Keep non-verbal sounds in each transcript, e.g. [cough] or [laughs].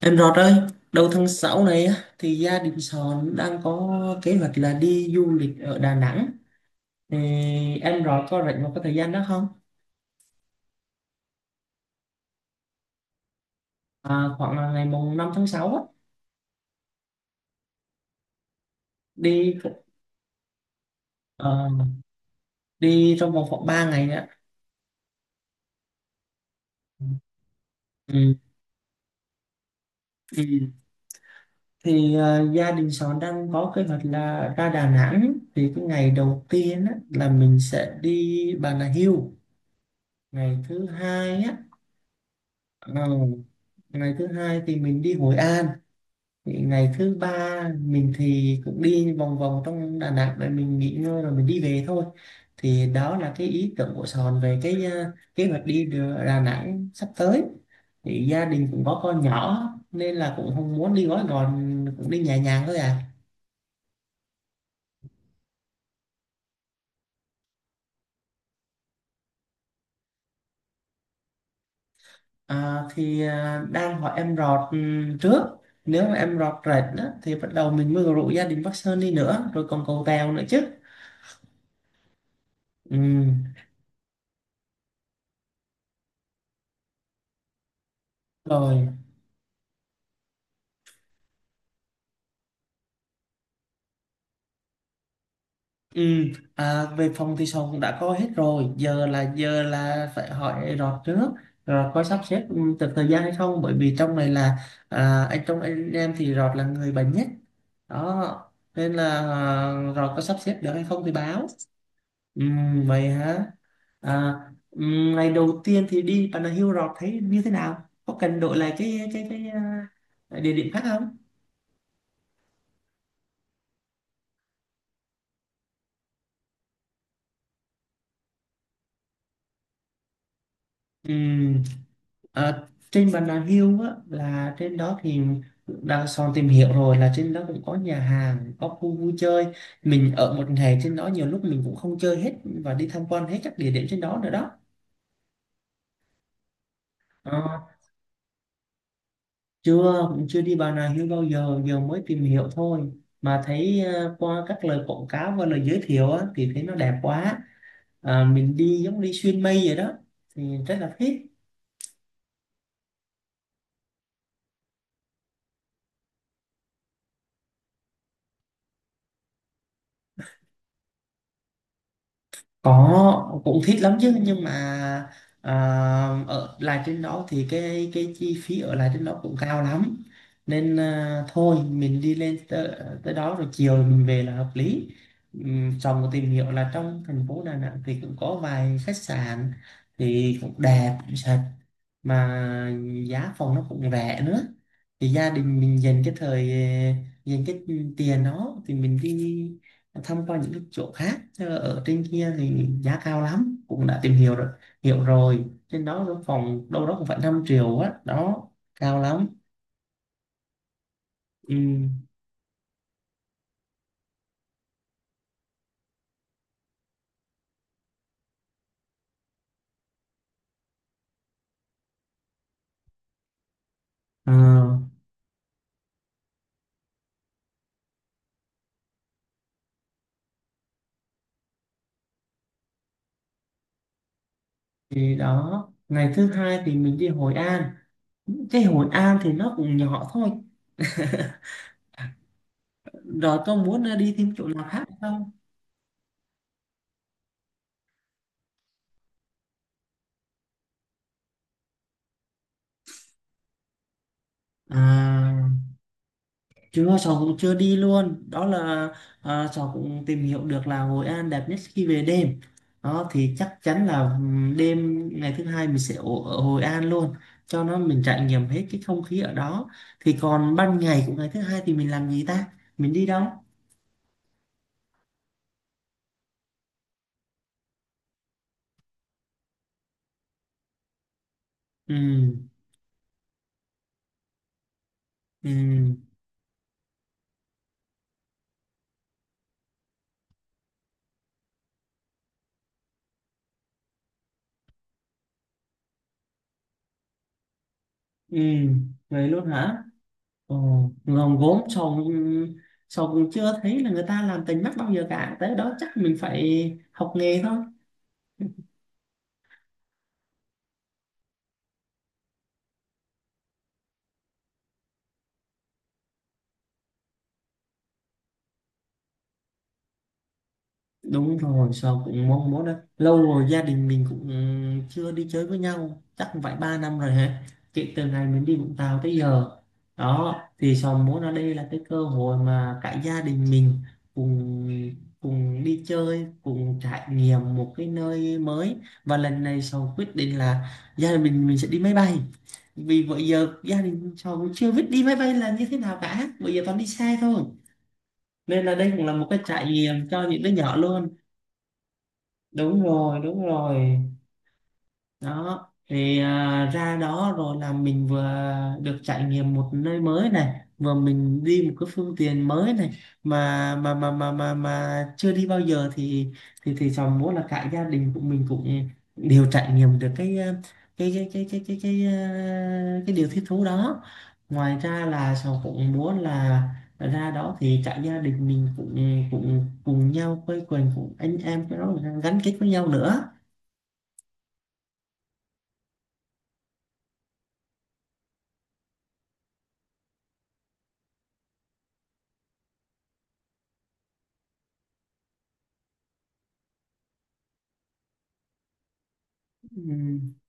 Em Rọt ơi, đầu tháng 6 này á, gia đình Sòn đang có kế hoạch là đi du lịch ở Đà Nẵng. Thì em Rọt có rảnh một cái thời gian đó không? À, khoảng là ngày mùng 5 tháng sáu á, đi ờ, đi trong vòng khoảng 3 ngày á. Ừ. Ừ. Thì gia đình Sòn đang có kế hoạch là ra Đà Nẵng, thì cái ngày đầu tiên á, là mình sẽ đi Bà Nà Hills. Ngày thứ hai á, ờ, ngày thứ hai thì mình đi Hội An. Thì ngày thứ ba mình thì cũng đi vòng vòng trong Đà Nẵng, rồi mình nghỉ ngơi rồi mình đi về thôi. Thì đó là cái ý tưởng của Sòn về cái kế hoạch đi Đà Đà Nẵng sắp tới. Thì gia đình cũng có con nhỏ nên là cũng không muốn đi gói gòn, cũng đi nhẹ nhàng thôi à. Đang hỏi em Rọt trước, nếu mà em Rọt rệt đó, thì bắt đầu mình mới rủ gia đình Bắc Sơn đi nữa, rồi còn cầu Tèo nữa chứ. Ừ, rồi. Ừ, về phòng thì sòng cũng đã có hết rồi, giờ là phải hỏi rọt trước, rồi có sắp xếp được thời gian hay không, bởi vì trong này là anh, trong anh em thì rọt là người bận nhất đó, nên là rọt có sắp xếp được hay không thì báo. Ừ, vậy hả. à, ừ, Ngày đầu tiên thì đi Bà Nà Hills, rọt thấy như thế nào, có cần đổi lại cái địa điểm khác không? Ừ. Ờ, trên Bà Nà Hills á, là trên đó thì đang son tìm hiểu rồi, là trên đó cũng có nhà hàng, có khu vui chơi. Mình ở một ngày trên đó nhiều lúc mình cũng không chơi hết và đi tham quan hết các địa điểm trên đó nữa đó. Ờ, chưa, cũng chưa đi Bà Nà Hills bao giờ, giờ mới tìm hiểu thôi, mà thấy qua các lời quảng cáo và lời giới thiệu á, thì thấy nó đẹp quá. Mình đi giống đi xuyên mây vậy đó, thì rất là thích. Có, cũng thích lắm chứ, nhưng mà à, ở lại trên đó thì cái chi phí ở lại trên đó cũng cao lắm, nên thôi mình đi lên tới, tới đó rồi chiều mình về là hợp lý. Xong rồi tìm hiểu là trong thành phố Đà Nẵng thì cũng có vài khách sạn thì cũng đẹp, cũng sạch, mà giá phòng nó cũng rẻ nữa. Thì gia đình mình dành cái dành cái tiền đó thì mình đi thăm qua những cái chỗ khác. Thế ở trên kia thì giá cao lắm, cũng đã tìm hiểu rồi, hiểu rồi, trên đó cái phòng đâu đó cũng phải 5 triệu á đó, cao lắm. Ừ. Ờ, thì đó, ngày thứ hai thì mình đi Hội An. Cái Hội An thì nó cũng nhỏ thôi. [laughs] Rồi, có muốn đi thêm chỗ nào khác không? À chưa, cháu cũng chưa đi luôn đó là. Cháu cũng tìm hiểu được là Hội An đẹp nhất khi về đêm, đó thì chắc chắn là đêm ngày thứ hai mình sẽ ở Hội An luôn cho nó mình trải nghiệm hết cái không khí ở đó. Thì còn ban ngày của ngày thứ hai thì mình làm gì ta, mình đi đâu? Ừ ừ ừ Vậy luôn hả. Ồ, gốm cháu cũng, cháu cũng chưa thấy là người ta làm tình mắt bao giờ cả, tới đó chắc mình phải học nghề thôi. Đúng rồi, sao cũng mong muốn đó lâu rồi, gia đình mình cũng chưa đi chơi với nhau chắc cũng phải ba năm rồi hả, kể từ ngày mình đi Vũng Tàu tới giờ. Đó, thì sao muốn ở đây là cái cơ hội mà cả gia đình mình cùng cùng đi chơi, cùng trải nghiệm một cái nơi mới. Và lần này Sầu quyết định là gia đình mình sẽ đi máy bay, vì bữa giờ gia đình Sầu cũng chưa biết đi máy bay là như thế nào cả, bữa giờ toàn đi xe thôi. Nên là đây cũng là một cái trải nghiệm cho những đứa nhỏ luôn. Đúng rồi, đúng rồi. Đó thì ra đó rồi là mình vừa được trải nghiệm một nơi mới này, vừa mình đi một cái phương tiện mới này mà chưa đi bao giờ. Thì cháu muốn là cả gia đình của mình cũng đều trải nghiệm được cái cái điều thích thú đó. Ngoài ra là cháu cũng muốn là ra đó thì cả gia đình mình cũng cũng cùng nhau quây quần, cùng anh em cái đó, gắn kết với nhau nữa. ừ,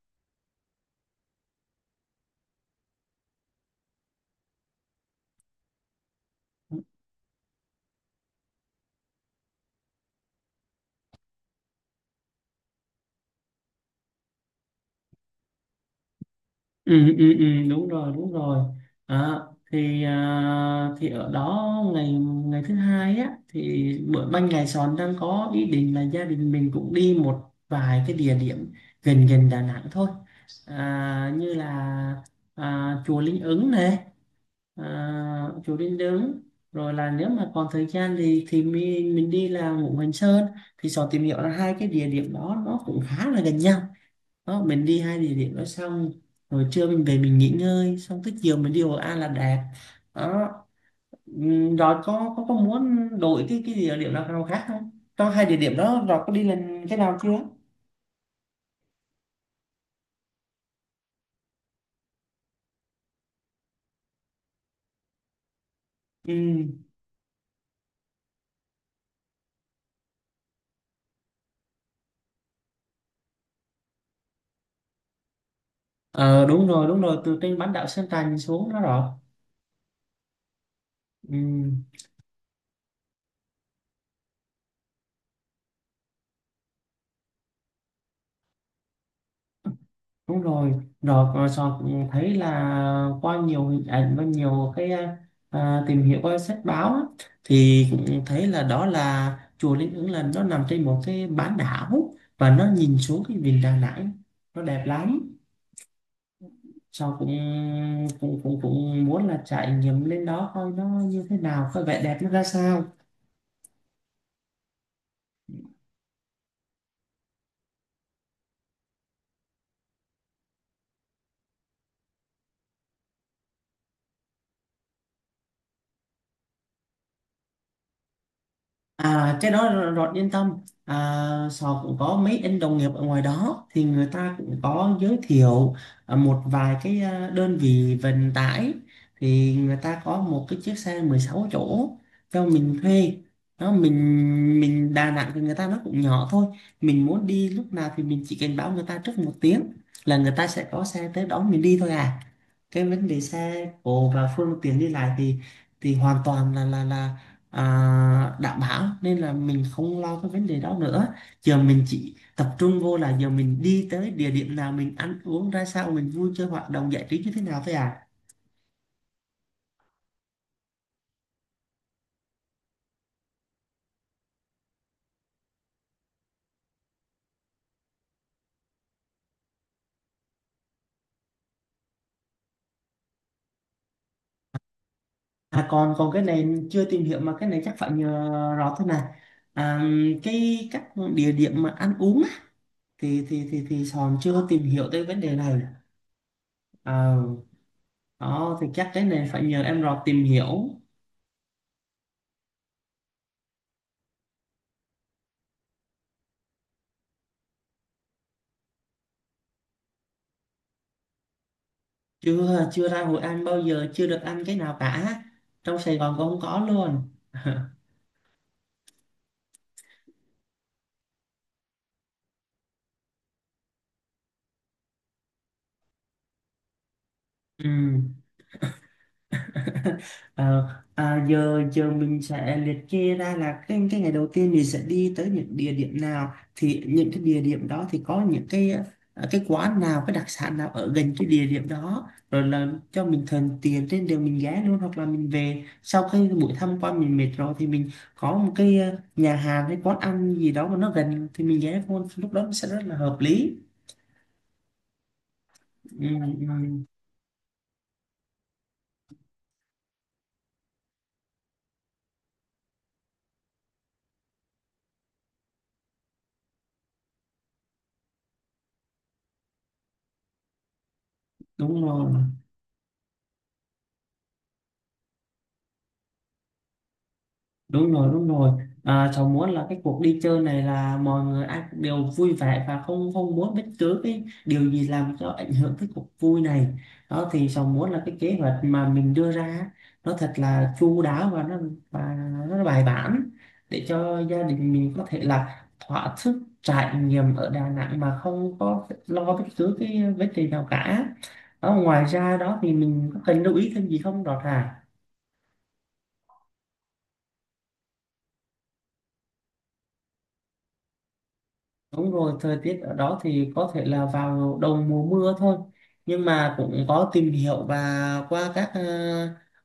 ừ, Đúng rồi, đúng rồi. à, thì ở đó ngày ngày thứ hai á, thì bữa ban ngày Sòn đang có ý định là gia đình mình cũng đi một vài cái địa điểm gần gần Đà Nẵng thôi, như là chùa Linh Ứng này, chùa Linh Ứng, rồi là nếu mà còn thời gian thì mình đi là Ngũ Hành Sơn. Thì Sòn tìm hiểu là hai cái địa điểm đó nó cũng khá là gần nhau. Đó, mình đi hai địa điểm đó xong rồi trưa mình về mình nghỉ ngơi, xong tới chiều mình đi Hội An là đẹp đó. Rồi có có muốn đổi cái địa điểm nào nào khác không, trong hai địa điểm đó rồi có đi lần cái nào chưa? Ừ. Ờ, đúng rồi, đúng rồi, từ trên bán đảo Sơn Trà nhìn xuống đó rồi. Ừ. Đúng rồi, rồi Sọt thấy là qua nhiều hình ảnh và nhiều cái tìm hiểu qua sách báo á, thì cũng thấy là đó là chùa Linh Ứng, là nó nằm trên một cái bán đảo và nó nhìn xuống cái vịnh Đà Nẵng, nó đẹp lắm. Sọt cũng cũng muốn là trải nghiệm lên đó coi nó như thế nào, coi vẻ đẹp nó ra sao. À, cái đó Rọt yên tâm, Sò cũng có mấy anh đồng nghiệp ở ngoài đó thì người ta cũng có giới thiệu một vài cái đơn vị vận tải. Thì người ta có một cái chiếc xe 16 chỗ cho mình thuê. Đó, mình Đà Nẵng thì người ta nó cũng nhỏ thôi, mình muốn đi lúc nào thì mình chỉ cần báo người ta trước một tiếng là người ta sẽ có xe tới đón mình đi thôi à. Cái vấn đề xe cộ và phương tiện đi lại thì hoàn toàn là đảm bảo, nên là mình không lo cái vấn đề đó nữa. Giờ mình chỉ tập trung vô là giờ mình đi tới địa điểm nào, mình ăn uống ra sao, mình vui chơi hoạt động giải trí như thế nào thôi à. À còn còn cái này chưa tìm hiểu, mà cái này chắc phải nhờ rõ thôi nè. à, cái các địa điểm mà ăn uống á, thì Sòn chưa tìm hiểu tới vấn đề này. Ờ, đó thì chắc cái này phải nhờ em Rọt tìm hiểu. Chưa, chưa ra Hội An bao giờ, chưa được ăn cái nào cả, trong Sài Gòn cũng không có luôn. Ừ. [laughs] Ờ, giờ giờ mình sẽ liệt kê ra là cái ngày đầu tiên mình sẽ đi tới những địa điểm nào, thì những cái địa điểm đó thì có những cái cái quán nào, cái đặc sản nào ở gần cái địa điểm đó, rồi là cho mình thuận tiền trên đường mình ghé luôn, hoặc là mình về sau khi buổi tham quan mình mệt rồi thì mình có một cái nhà hàng hay quán ăn gì đó mà nó gần thì mình ghé luôn, lúc đó nó sẽ rất là hợp lý. ừ, ừ, đúng rồi đúng rồi đúng rồi. Cháu muốn là cái cuộc đi chơi này là mọi người ai cũng đều vui vẻ, và không không muốn bất cứ cái điều gì làm cho ảnh hưởng cái cuộc vui này. Đó, thì cháu muốn là cái kế hoạch mà mình đưa ra á, nó thật là chu đáo và và nó bài bản, để cho gia đình mình có thể là thỏa sức trải nghiệm ở Đà Nẵng mà không có lo bất cứ cái vấn đề nào cả. Đó, ngoài ra đó thì mình có cần lưu ý thêm gì không Đọt à? Đúng rồi, thời tiết ở đó thì có thể là vào đầu mùa mưa thôi. Nhưng mà cũng có tìm hiểu và qua các ờ,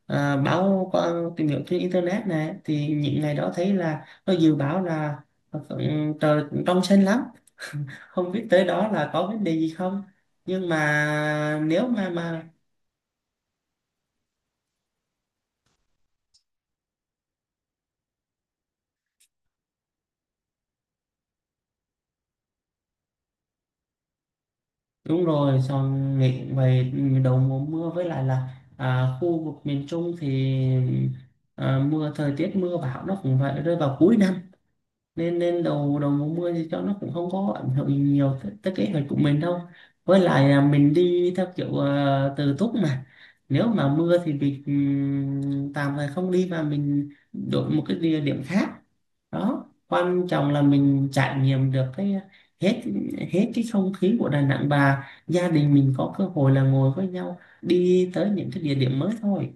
ờ, báo, qua tìm hiểu trên internet này thì những ngày đó thấy là nó dự báo là ừ, trời cũng trong xanh lắm, không biết tới đó là có vấn đề gì không. Nhưng mà nếu mà Đúng rồi, xong nghĩ về đầu mùa mưa với lại là khu vực miền Trung thì mưa, thời tiết mưa bão nó cũng phải rơi vào cuối năm, nên nên đầu đầu mùa mưa thì cho nó cũng không có ảnh hưởng gì nhiều tới, tới kế hoạch của mình đâu. Với lại là mình đi theo kiểu tự túc mà, nếu mà mưa thì mình tạm thời không đi và mình đổi một cái địa điểm khác. Đó, quan trọng là mình trải nghiệm được cái hết hết cái không khí của Đà Nẵng, và gia đình mình có cơ hội là ngồi với nhau đi tới những cái địa điểm mới thôi.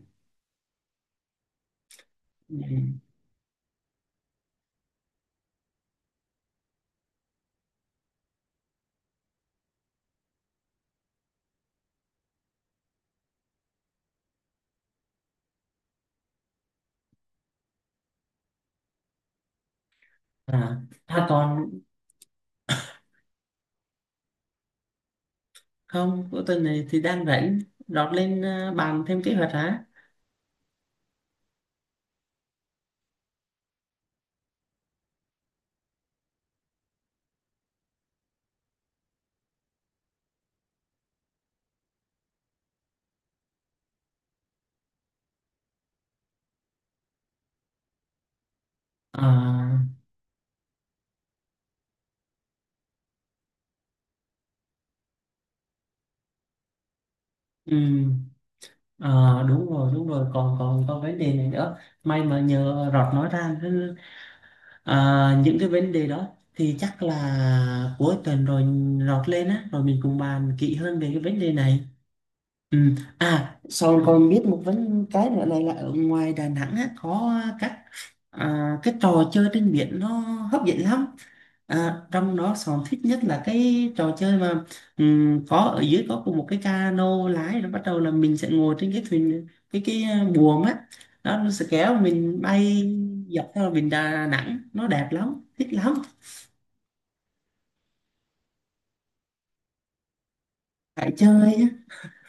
Ừ. à, à còn Không, cuối tuần này thì đang rảnh, lót lên bàn thêm kế hoạch hả? Ờ, ừ, ờ, đúng rồi, còn còn còn vấn đề này nữa, may mà nhờ Rọt nói ra chứ. Những cái vấn đề đó thì chắc là cuối tuần rồi Rọt lên á, rồi mình cùng bàn kỹ hơn về cái vấn đề này. Ừ. À, sau con biết một vấn cái nữa này là ở ngoài Đà Nẵng á, có các cái trò chơi trên biển nó hấp dẫn lắm. À, trong đó Sòn thích nhất là cái trò chơi mà có ở dưới có cùng một cái cano lái, rồi bắt đầu là mình sẽ ngồi trên cái thuyền cái buồm á, đó nó sẽ kéo mình bay dọc theo biển Đà Nẵng, nó đẹp lắm, thích lắm. Phải chơi á.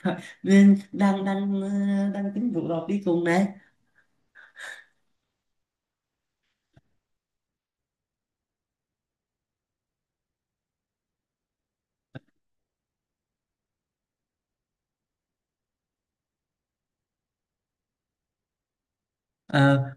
[laughs] Nên đang đang ờ, đang tính rủ đọc đi cùng này. Ờ,